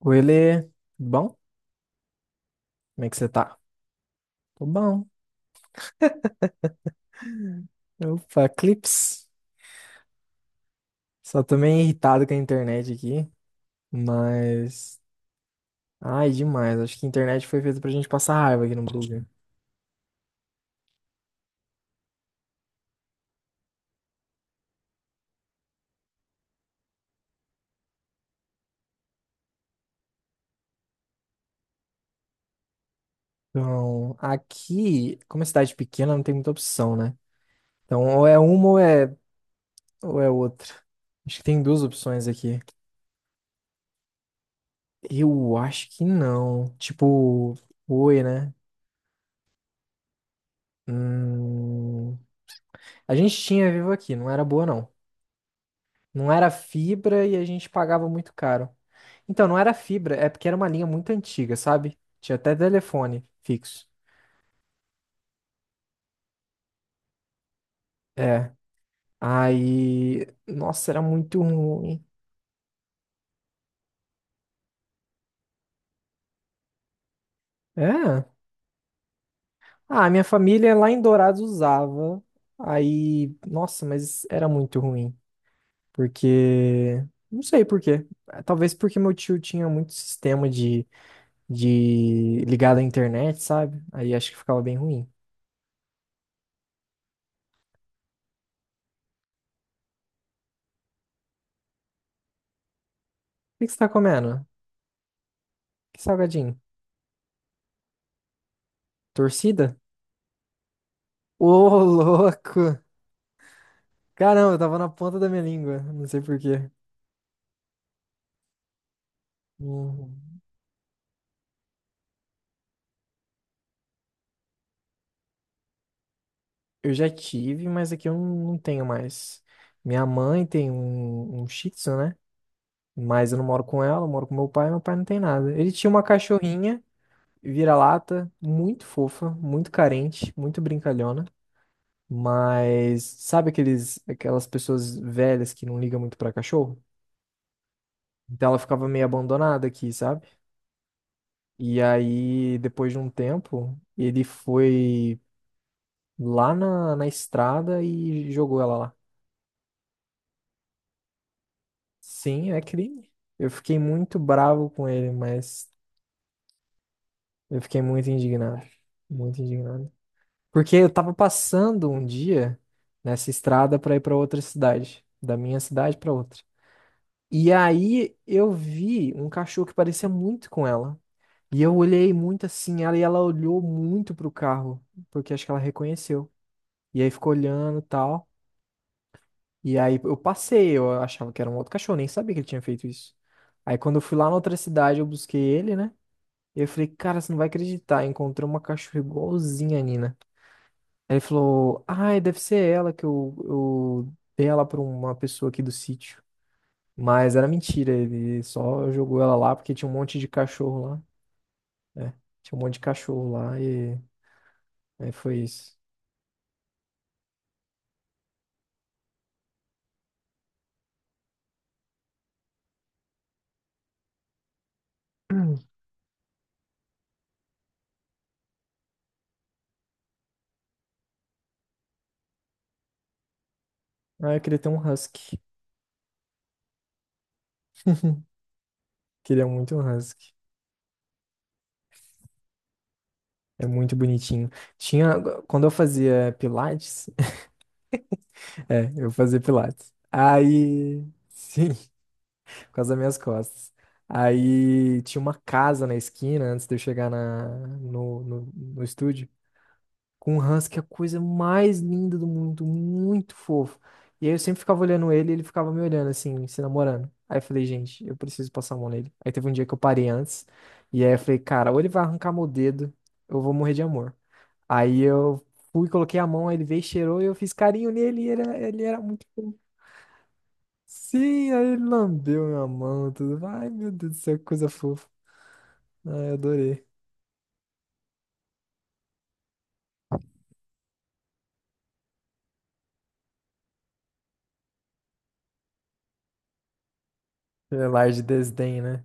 Oi, Lê. Tudo bom? Como é que você tá? Tô bom. Opa, clips. Só tô meio irritado com a internet aqui, mas. Ai, demais. Acho que a internet foi feita pra gente passar raiva aqui no Brasil. Então, aqui, como é cidade pequena, não tem muita opção, né? Então, ou é uma ou é outra. Acho que tem duas opções aqui. Eu acho que não. Tipo, oi, né? Hum. A gente tinha Vivo aqui, não era boa, não. Não era fibra e a gente pagava muito caro. Então, não era fibra, é porque era uma linha muito antiga, sabe? Tinha até telefone fixo. É. Aí. Nossa, era muito ruim. É. Ah, minha família lá em Dourados usava. Aí. Nossa, mas era muito ruim. Porque. Não sei por quê. É, talvez porque meu tio tinha muito sistema de, ligado à internet, sabe? Aí acho que ficava bem ruim. O que que você tá comendo? Que salgadinho? Torcida? Ô, louco! Caramba, eu tava na ponta da minha língua, não sei por quê. Hum, Eu já tive, mas aqui eu não tenho mais. Minha mãe tem um Shih Tzu, né? Mas eu não moro com ela, eu moro com meu pai não tem nada. Ele tinha uma cachorrinha, vira-lata, muito fofa, muito carente, muito brincalhona. Mas sabe aquelas pessoas velhas que não ligam muito pra cachorro? Então ela ficava meio abandonada aqui, sabe? E aí, depois de um tempo, ele foi lá na estrada e jogou ela lá. Sim, é crime. Eu fiquei muito bravo com ele, mas eu fiquei muito indignado. Muito indignado. Porque eu tava passando um dia nessa estrada pra ir pra outra cidade, da minha cidade pra outra. E aí eu vi um cachorro que parecia muito com ela. E eu olhei muito assim ela e ela olhou muito pro carro, porque acho que ela reconheceu. E aí ficou olhando e tal. E aí eu passei, eu achava que era um outro cachorro, nem sabia que ele tinha feito isso. Aí quando eu fui lá na outra cidade, eu busquei ele, né? Eu falei, cara, você não vai acreditar, encontrei uma cachorra igualzinha a Nina. Aí ele falou, ai, deve ser ela que eu, dei ela pra uma pessoa aqui do sítio. Mas era mentira, ele só jogou ela lá porque tinha um monte de cachorro lá. É, tinha um monte de cachorro lá e aí foi isso. Hum. Ah, eu queria ter um husky. Queria muito um husky. É muito bonitinho. Tinha, Quando eu fazia pilates, é, eu fazia pilates. Aí, sim, por causa das minhas costas. Aí tinha uma casa na esquina antes de eu chegar na, no, no, no estúdio, com um husky, a coisa mais linda do mundo, muito fofo. E aí eu sempre ficava olhando ele, e ele ficava me olhando assim, se namorando. Aí eu falei, gente, eu preciso passar a mão nele. Aí teve um dia que eu parei antes, e aí eu falei, cara, ou ele vai arrancar meu dedo, ou eu vou morrer de amor. Aí eu fui, coloquei a mão, aí ele veio, cheirou e eu fiz carinho nele e ele era muito fofo. Sim, aí ele lambeu minha mão, tudo. Ai, meu Deus do céu, que coisa fofa. Ai, eu adorei. É lar de desdém, né?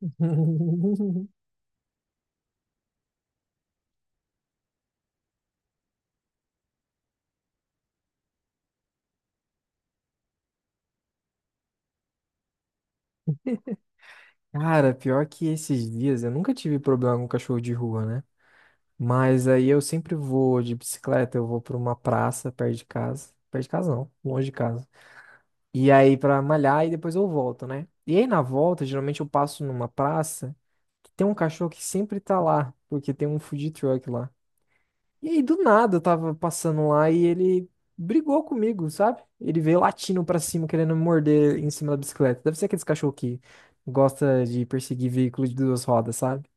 Cara, pior que esses dias eu nunca tive problema com cachorro de rua, né? Mas aí eu sempre vou de bicicleta, eu vou pra uma praça perto de casa. Perto de casa não, longe de casa. E aí pra malhar e depois eu volto, né? E aí na volta, geralmente eu passo numa praça que tem um cachorro que sempre tá lá, porque tem um food truck lá. E aí do nada eu tava passando lá e ele brigou comigo, sabe? Ele veio latindo pra cima querendo me morder em cima da bicicleta. Deve ser aqueles cachorro que gosta de perseguir veículo de duas rodas, sabe?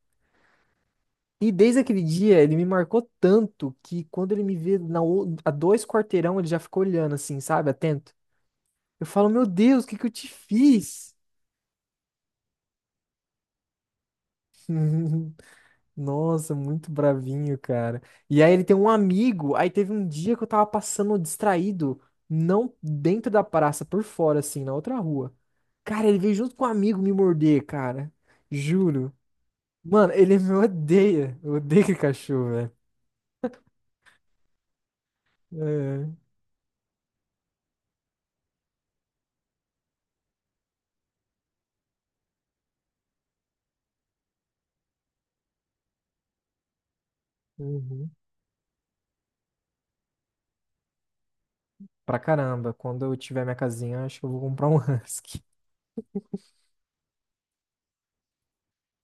E desde aquele dia ele me marcou tanto que quando ele me vê a dois quarteirão ele já ficou olhando assim, sabe? Atento. Eu falo, meu Deus, o que que eu te fiz? Uhum. Nossa, muito bravinho, cara. E aí ele tem um amigo. Aí teve um dia que eu tava passando distraído, não dentro da praça, por fora, assim, na outra rua. Cara, ele veio junto com um amigo me morder, cara. Juro. Mano, ele me odeia. Eu odeio aquele cachorro, velho. É. Uhum. Pra caramba. Quando eu tiver minha casinha, eu acho que eu vou comprar um husky.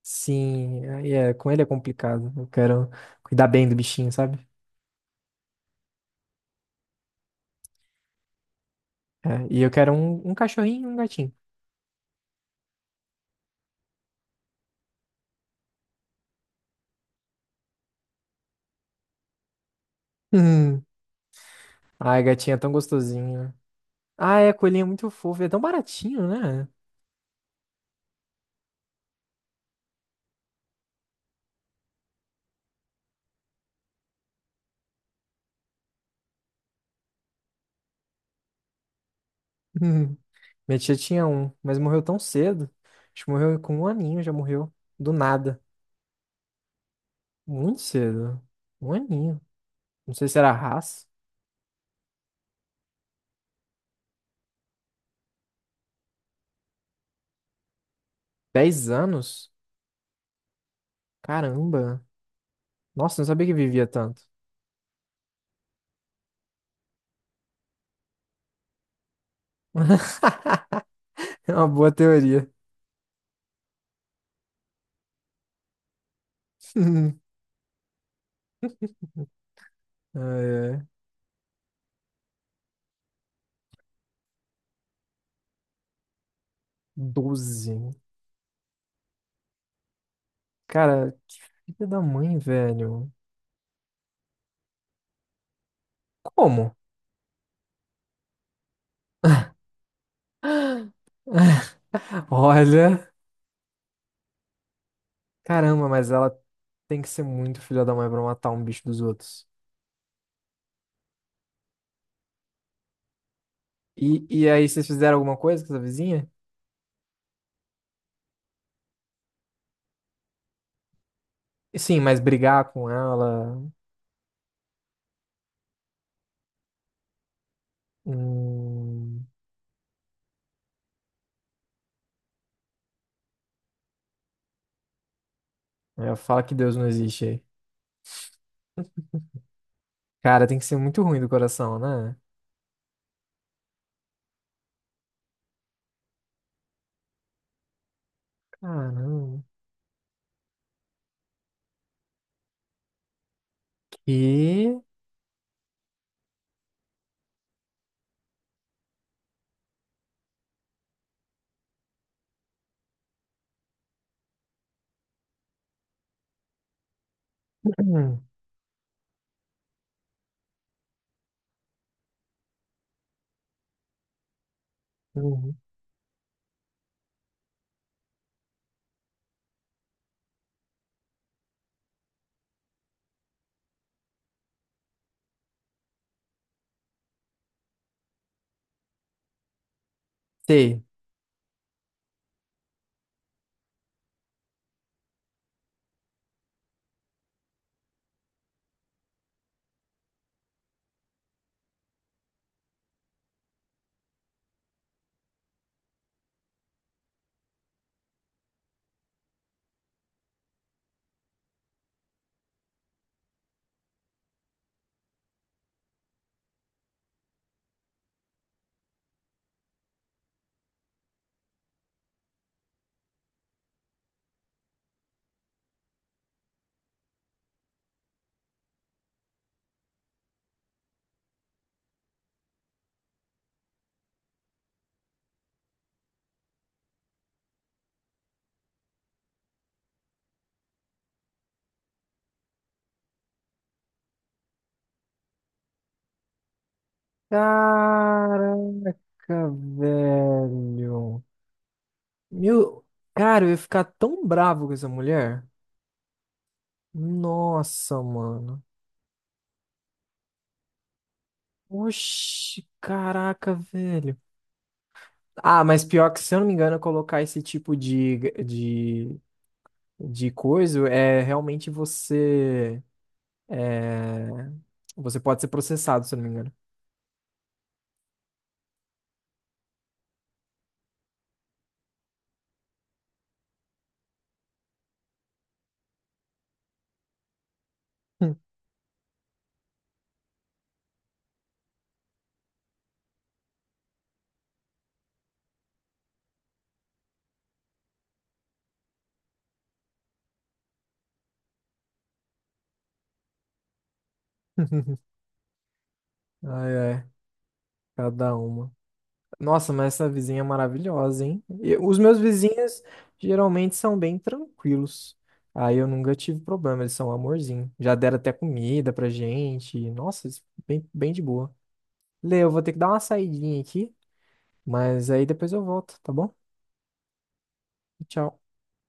Sim, aí é, com ele é complicado. Eu quero cuidar bem do bichinho, sabe? É, e eu quero um cachorrinho e um gatinho. Hum. Ai, gatinha, é tão gostosinho, né? Ah, é, coelhinho é muito fofo. É tão baratinho, né? Hum. Minha tia tinha um, mas morreu tão cedo. Acho que morreu com um aninho, já morreu. Do nada. Muito cedo. Um aninho. Não sei se era raça. 10 anos? Caramba. Nossa, não sabia que vivia tanto. É uma boa teoria. Ai, ai. 12. Cara, que filha da mãe, velho. Como? Olha. Caramba, mas ela tem que ser muito filha da mãe pra matar um bicho dos outros. E aí, vocês fizeram alguma coisa com essa vizinha? Sim, mas brigar com ela. Hum, É, fala que Deus não existe aí. Cara, tem que ser muito ruim do coração, né? Caramba. Que. Uhum. Uhum. Sei. Caraca, velho. Meu. Cara, eu ia ficar tão bravo com essa mulher. Nossa, mano. Oxi, caraca, velho. Ah, mas pior que, se eu não me engano, colocar esse tipo de, de, de, coisa é realmente você. É, você pode ser processado, se eu não me engano. Ai, ai, cada uma. Nossa, mas essa vizinha é maravilhosa, hein? E os meus vizinhos geralmente são bem tranquilos. Aí eu nunca tive problema, eles são um amorzinho. Já deram até comida pra gente. Nossa, bem, bem de boa. Lê, eu vou ter que dar uma saidinha aqui, mas aí depois eu volto, tá bom? Tchau.